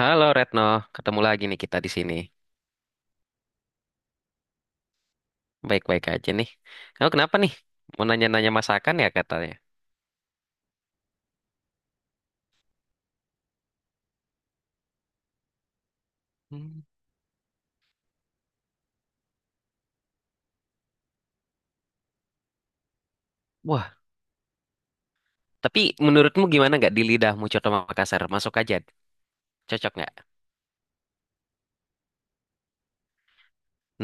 Halo Retno, ketemu lagi nih kita di sini. Baik-baik aja nih. Kamu kenapa nih? Mau nanya-nanya masakan ya katanya. Hmm. Wah, tapi menurutmu gimana nggak di lidahmu Coto Makassar? Masuk aja, cocok nggak?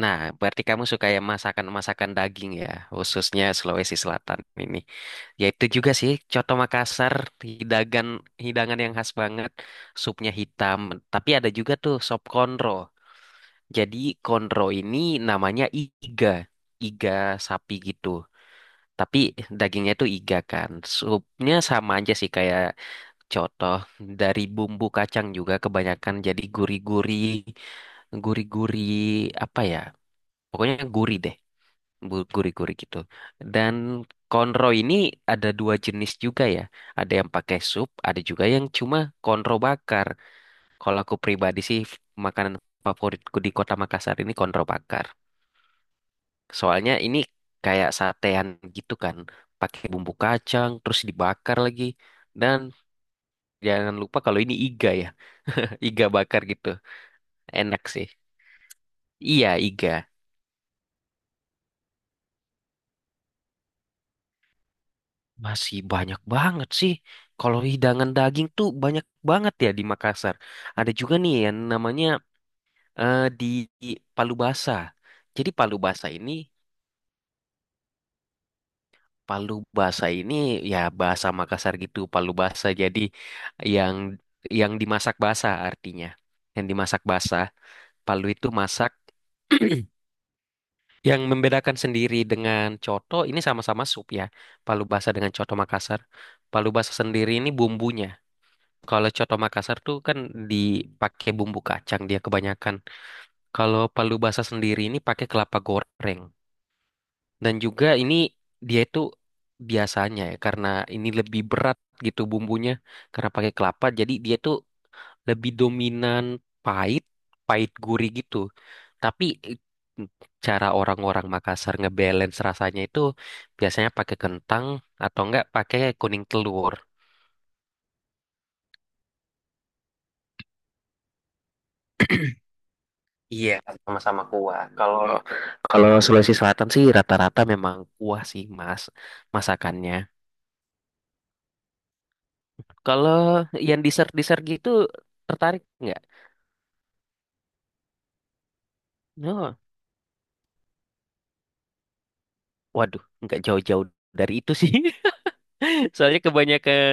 Nah, berarti kamu suka yang masakan-masakan daging ya, khususnya Sulawesi Selatan ini. Ya itu juga sih, Coto Makassar, hidangan, hidangan yang khas banget. Supnya hitam, tapi ada juga tuh sop konro. Jadi konro ini namanya iga sapi gitu. Tapi dagingnya itu iga kan. Supnya sama aja sih kayak contoh dari bumbu kacang juga kebanyakan jadi gurih-gurih apa ya? Pokoknya gurih deh, gurih-gurih gitu. Dan konro ini ada dua jenis juga ya. Ada yang pakai sup, ada juga yang cuma konro bakar. Kalau aku pribadi sih makanan favoritku di Kota Makassar ini konro bakar. Soalnya ini kayak satean gitu kan, pakai bumbu kacang terus dibakar lagi. Dan jangan lupa kalau ini iga ya, iga bakar gitu. Enak sih. Iya, iga. Masih banyak banget sih. Kalau hidangan daging tuh banyak banget ya di Makassar. Ada juga nih yang namanya eh, di di Palu Basa. Jadi Palu Basa ini ya bahasa Makassar gitu, Palu Basa. Jadi yang yang dimasak basa artinya. Yang dimasak basa, palu itu masak. Yang membedakan sendiri dengan coto ini sama-sama sup ya. Palu Basa dengan coto Makassar. Palu Basa sendiri ini bumbunya. Kalau coto Makassar tuh kan dipakai bumbu kacang dia kebanyakan. Kalau Palu Basa sendiri ini pakai kelapa goreng. Dan juga ini dia itu biasanya ya karena ini lebih berat gitu bumbunya karena pakai kelapa jadi dia tuh lebih dominan pahit, pahit gurih gitu. Tapi eh, cara orang-orang Makassar ngebalance rasanya itu biasanya pakai kentang atau enggak pakai kuning telur. Iya, sama-sama kuah. Kalau kalau Sulawesi Selatan sih rata-rata memang kuah sih, Mas, masakannya. Kalau yang dessert-dessert gitu tertarik nggak? No. Waduh, nggak jauh-jauh dari itu sih. Soalnya kebanyakan,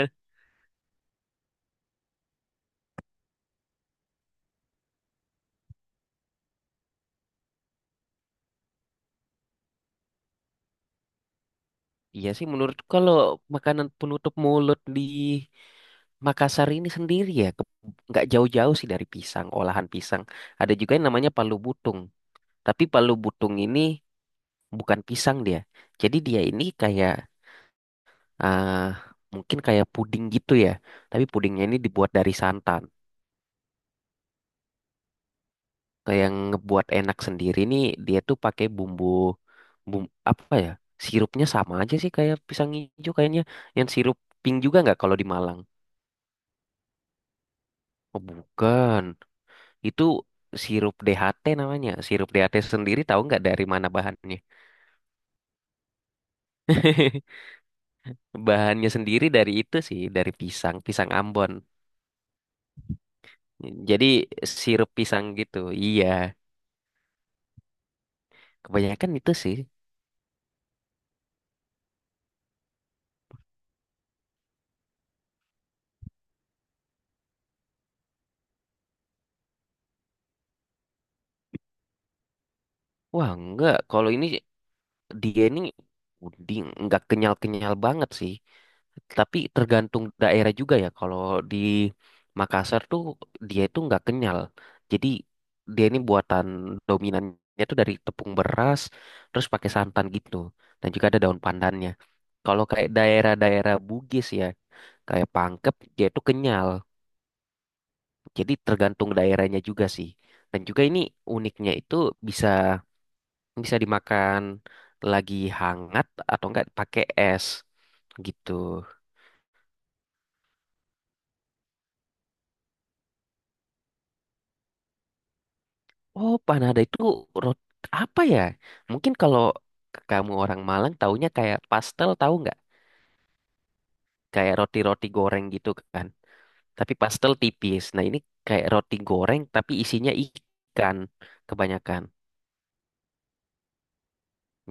iya sih menurut kalau makanan penutup mulut di Makassar ini sendiri ya, nggak jauh-jauh sih dari pisang, olahan pisang. Ada juga yang namanya palu butung. Tapi palu butung ini bukan pisang dia. Jadi dia ini kayak, ah, mungkin kayak puding gitu ya. Tapi pudingnya ini dibuat dari santan. Kayak yang ngebuat enak sendiri nih dia tuh pakai bumbu bumbu apa ya? Sirupnya sama aja sih kayak pisang hijau kayaknya. Yang sirup pink juga nggak kalau di Malang? Oh, bukan. Itu sirup DHT namanya. Sirup DHT sendiri tahu nggak dari mana bahannya? Bahannya sendiri dari itu sih, dari pisang Ambon. Jadi sirup pisang gitu. Iya, kebanyakan itu sih. Wah, enggak. Kalau ini dia ini puding nggak kenyal-kenyal banget sih, tapi tergantung daerah juga ya. Kalau di Makassar tuh dia itu nggak kenyal, jadi dia ini buatan dominannya tuh dari tepung beras terus pakai santan gitu, dan juga ada daun pandannya. Kalau kayak daerah-daerah Bugis ya kayak Pangkep dia itu kenyal, jadi tergantung daerahnya juga sih. Dan juga ini uniknya itu bisa bisa dimakan lagi hangat atau enggak pakai es gitu. Oh, panada itu roti apa ya? Mungkin kalau kamu orang Malang taunya kayak pastel tahu nggak? Kayak roti-roti goreng gitu kan. Tapi pastel tipis. Nah, ini kayak roti goreng tapi isinya ikan kebanyakan.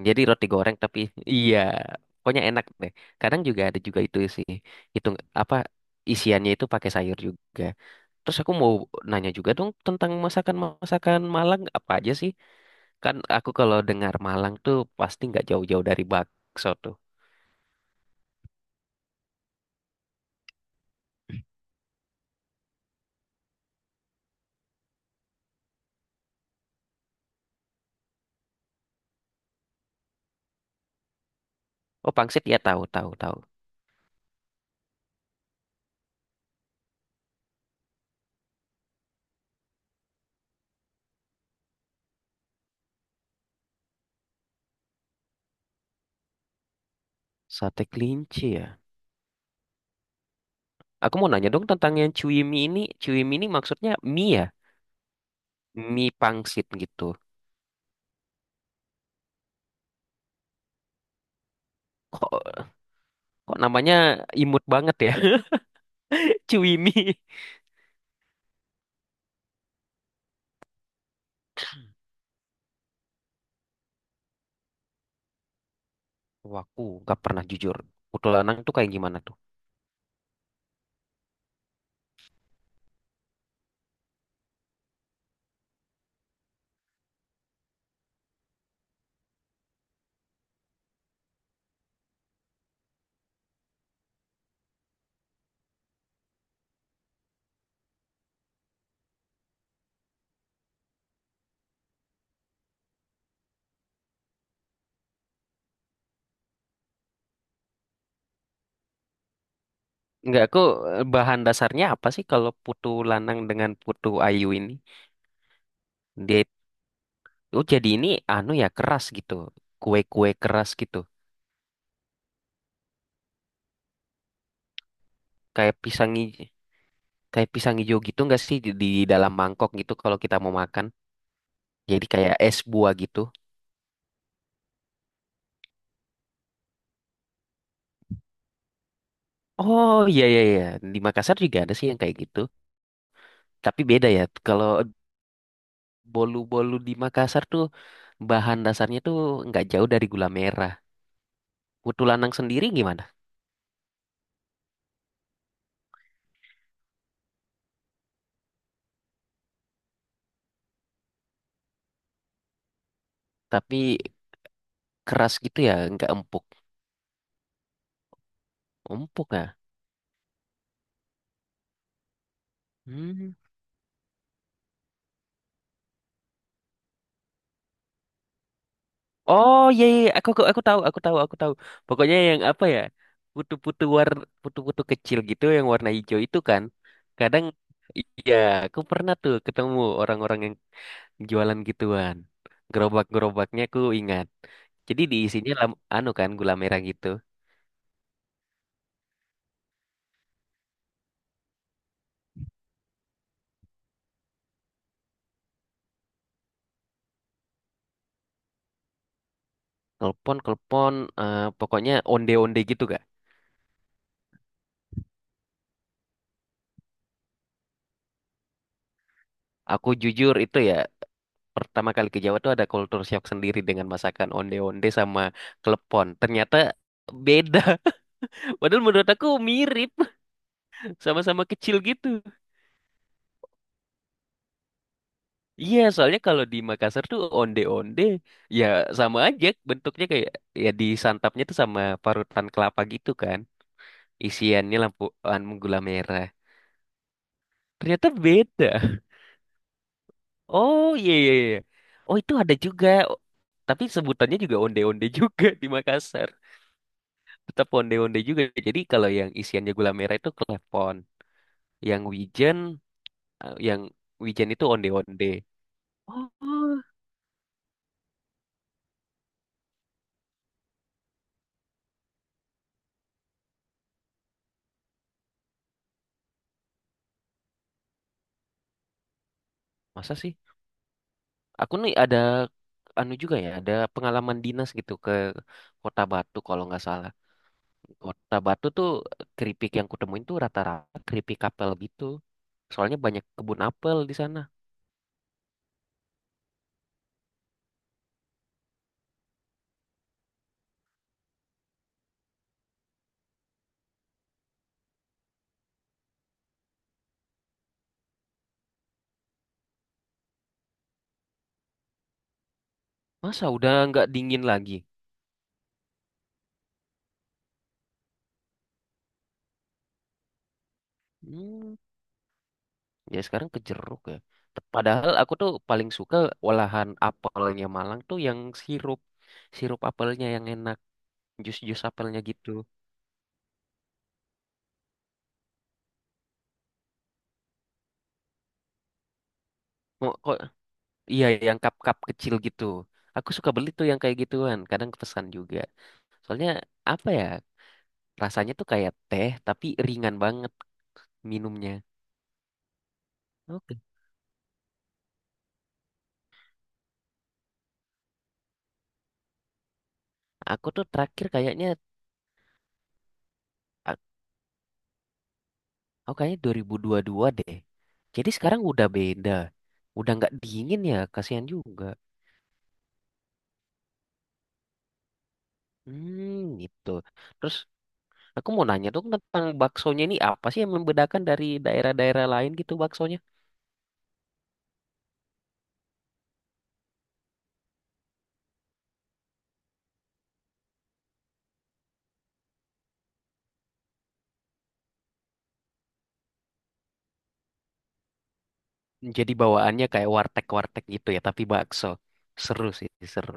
Jadi roti goreng tapi iya, pokoknya enak deh. Kadang juga ada juga itu sih. Itu apa isiannya itu pakai sayur juga. Terus aku mau nanya juga dong tentang masakan-masakan Malang apa aja sih? Kan aku kalau dengar Malang tuh pasti nggak jauh-jauh dari bakso tuh. Oh, pangsit ya tahu, tahu, tahu. Sate kelinci ya. Aku mau nanya dong tentang yang cuy mie ini. Cuy mie ini maksudnya mie ya? Mie pangsit gitu. Kok, kok, namanya imut banget ya? Cuy mie. Wah, aku gak pernah jujur. Putu lanang tuh kayak gimana tuh? Nggak, bahan dasarnya apa sih kalau putu lanang dengan putu ayu ini? Dia, oh jadi ini anu ya keras gitu. Kue-kue keras gitu. Kayak pisang hijau, kayak pisang hijau gitu nggak sih di dalam mangkok gitu kalau kita mau makan. Jadi kayak es buah gitu. Oh, iya, iya, iya. Di Makassar juga ada sih yang kayak gitu. Tapi beda ya. Kalau bolu-bolu di Makassar tuh bahan dasarnya tuh nggak jauh dari gula merah. Putu lanang sendiri gimana? Tapi keras gitu ya, nggak empuk. Empuk ya? Hmm. Oh, iya, iya, iya. Aku tahu, aku tahu, aku tahu. Pokoknya yang apa ya? Putu-putu war, putu-putu kecil gitu yang warna hijau itu kan. Kadang iya, aku pernah tuh ketemu orang-orang yang jualan gituan. Gerobak-gerobaknya aku ingat. Jadi diisinya anu kan gula merah gitu. Kelpon, pokoknya onde-onde gitu gak? Aku jujur itu ya pertama kali ke Jawa tuh ada culture shock sendiri dengan masakan onde-onde sama klepon. Ternyata beda. Padahal menurut aku mirip, sama-sama kecil gitu. Iya, soalnya kalau di Makassar tuh onde-onde ya sama aja bentuknya kayak ya disantapnya tuh sama parutan kelapa gitu kan. Isiannya lampu anu gula merah. Ternyata beda. Oh, iya, iya, iya. Oh, itu ada juga. Tapi sebutannya juga onde-onde juga di Makassar. Tetap onde-onde juga. Jadi kalau yang isiannya gula merah itu klepon, yang wijen, yang wijen itu onde-onde. Oh, masa sih? Aku nih ada anu juga ya, ada pengalaman dinas gitu ke Kota Batu kalau nggak salah. Kota Batu tuh keripik yang kutemuin tuh rata-rata keripik apel gitu. Soalnya banyak kebun apel di sana. Masa udah nggak dingin lagi? Hmm. Ya sekarang ke jeruk ya. Padahal aku tuh paling suka olahan apelnya Malang tuh yang sirup. Sirup apelnya yang enak. Jus-jus apelnya gitu. Mau kok iya yang cup-cup kecil gitu. Aku suka beli tuh yang kayak gituan. Kadang pesan juga. Soalnya apa ya? Rasanya tuh kayak teh tapi ringan banget minumnya. Oke. Aku tuh terakhir kayaknya a- aku kayaknya 2022 deh. Jadi sekarang udah beda. Udah nggak dingin ya, kasihan juga. Hmm, gitu. Terus aku mau nanya dong tentang baksonya ini apa sih yang membedakan dari daerah-daerah lain gitu baksonya? Jadi bawaannya kayak warteg-warteg gitu ya, tapi bakso. Seru sih, seru.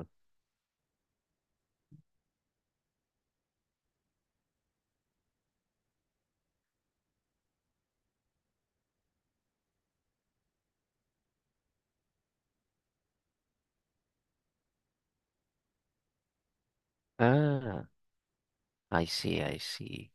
Ah, I see, I see.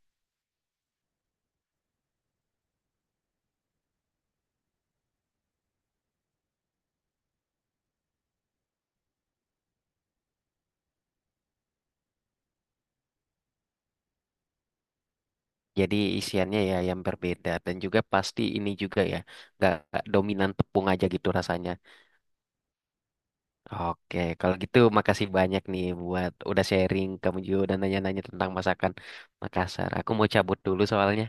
Jadi isiannya ya yang berbeda dan juga pasti ini juga ya, nggak dominan tepung aja gitu rasanya. Oke, kalau gitu makasih banyak nih buat udah sharing kamu juga udah nanya-nanya tentang masakan Makassar. Aku mau cabut dulu soalnya.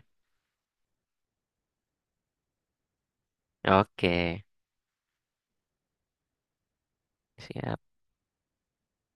Oke, siap.